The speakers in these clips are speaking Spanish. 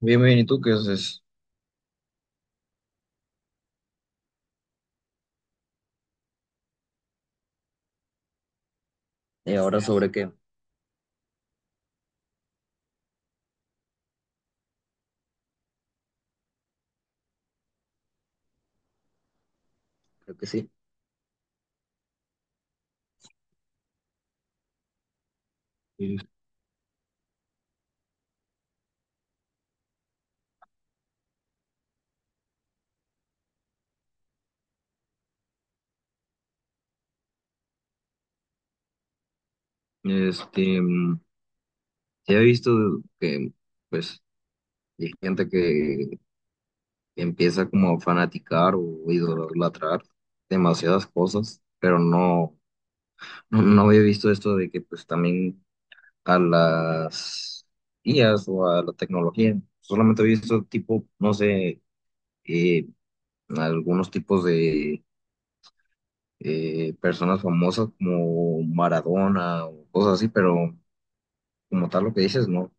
Bien, bien, ¿y tú qué haces? ¿Y ahora sobre qué? Creo que sí. Sí. Este, mm, sí he visto que, pues, hay gente que empieza como a fanaticar o idolatrar demasiadas cosas, pero no había visto esto de que, pues, también a las IAs o a la tecnología, solamente he visto tipo, no sé, eh, algunos tipos de personas famosas como Maradona o cosas así, pero como tal lo que dices, no.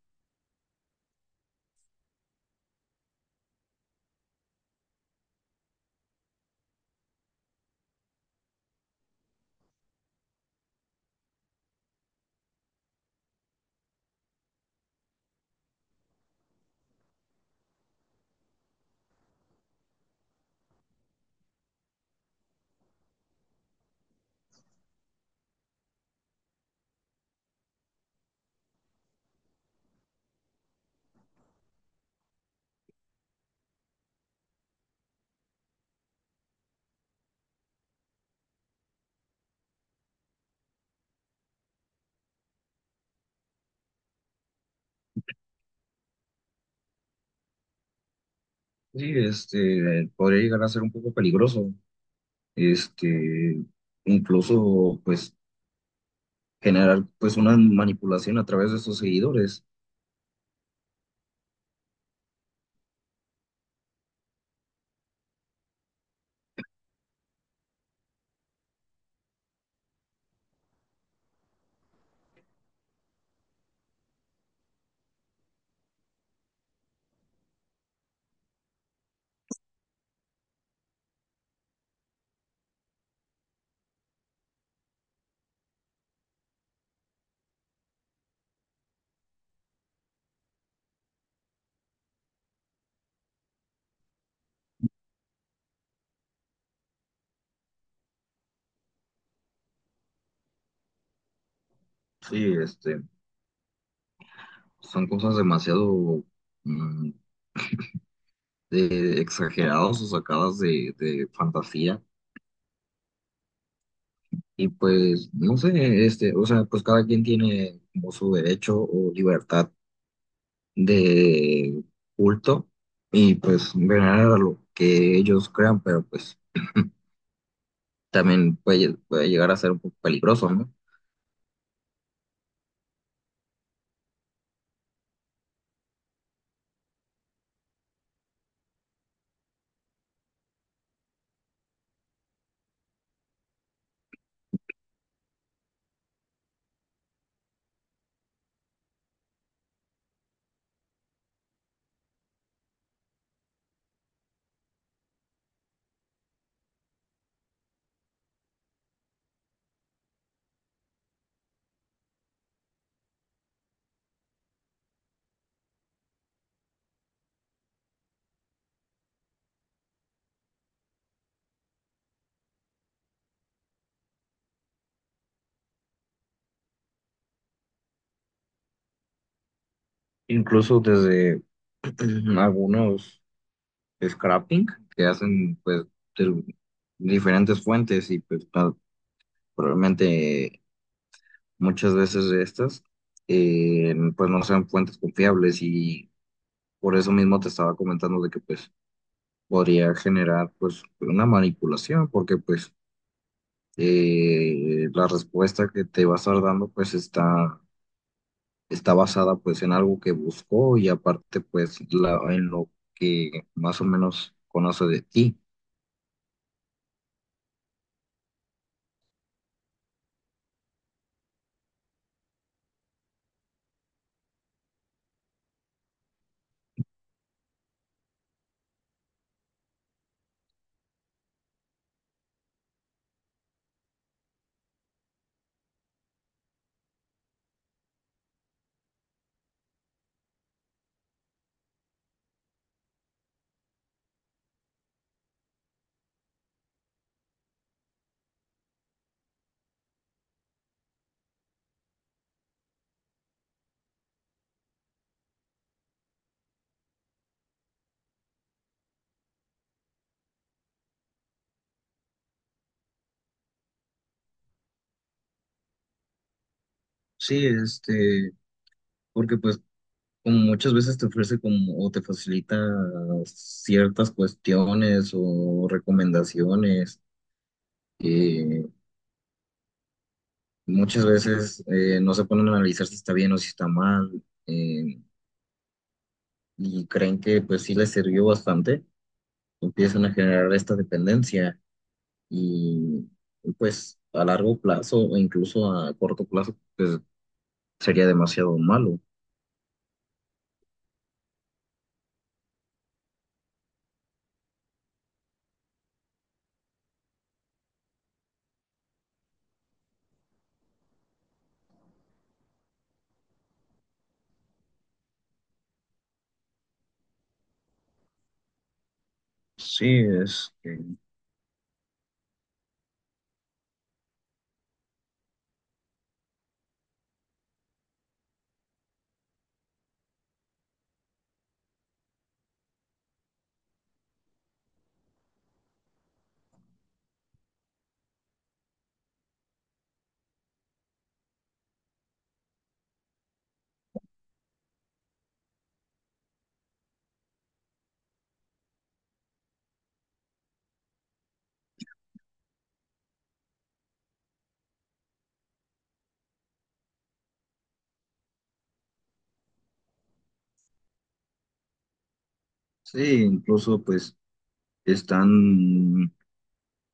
Sí, este, podría llegar a ser un poco peligroso, este, incluso, pues, generar, pues, una manipulación a través de sus seguidores. Sí, este, son cosas demasiado mm, exageradas o sacadas de fantasía. Y pues, no sé, este, o sea, pues cada quien tiene como su derecho o libertad de culto y pues venerar a lo que ellos crean, pero pues también puede llegar a ser un poco peligroso, ¿no? Incluso desde algunos scrapping que hacen pues de diferentes fuentes y pues probablemente muchas veces de estas pues no sean fuentes confiables y por eso mismo te estaba comentando de que pues podría generar pues una manipulación porque pues la respuesta que te va a estar dando pues está basada pues en algo que buscó y aparte pues en lo que más o menos conoce de ti. Sí, este, porque pues como muchas veces te ofrece como o te facilita ciertas cuestiones o recomendaciones, eh, muchas veces no se ponen a analizar si está bien o si está mal, y creen que pues sí les sirvió bastante, empiezan a generar esta dependencia. Y pues a largo plazo o incluso a corto plazo pues sería demasiado malo. Sí, este, sí, incluso pues están,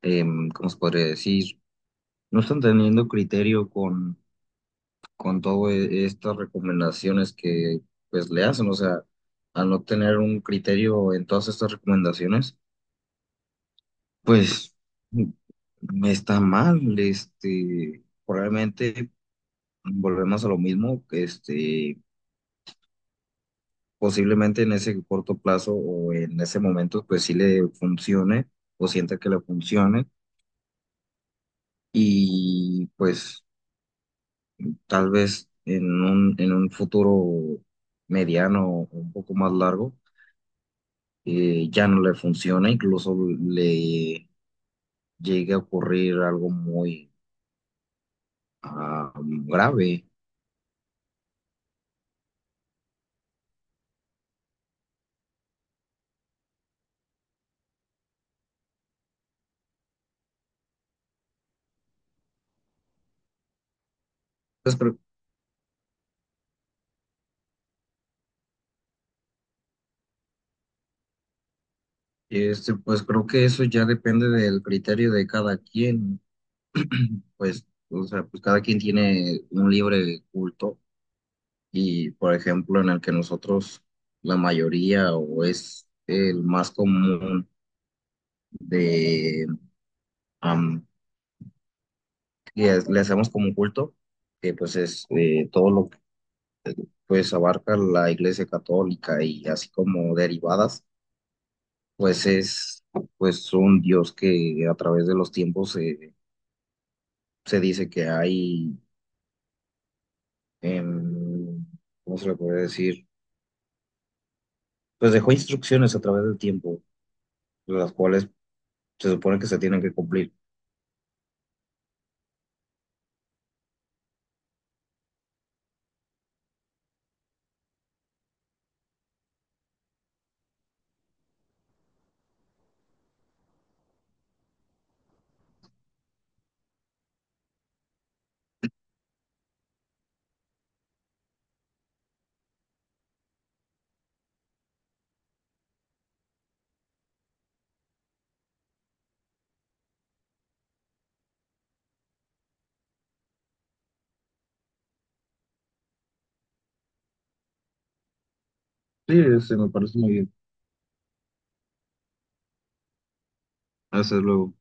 ¿cómo se podría decir? No están teniendo criterio con todas estas recomendaciones que pues le hacen, o sea, al no tener un criterio en todas estas recomendaciones, pues está mal, este, probablemente volvemos a lo mismo, este, posiblemente en ese corto plazo o en ese momento, pues sí le funcione o sienta que le funcione y pues tal vez en en un futuro mediano o un poco más largo ya no le funciona, incluso le llegue a ocurrir algo muy ah, grave. Pues, pero, este, pues creo que eso ya depende del criterio de cada quien. Pues, o sea, pues cada quien tiene un libre culto y, por ejemplo, en el que nosotros, la mayoría o es el más común de am, le hacemos como un culto, que pues es todo lo que pues abarca la Iglesia Católica y así como derivadas, pues es pues un Dios que a través de los tiempos se dice que hay, em, ¿cómo se le puede decir? Pues dejó instrucciones a través del tiempo las cuales se supone que se tienen que cumplir. Sí, sí, me parece muy bien. Hasta luego.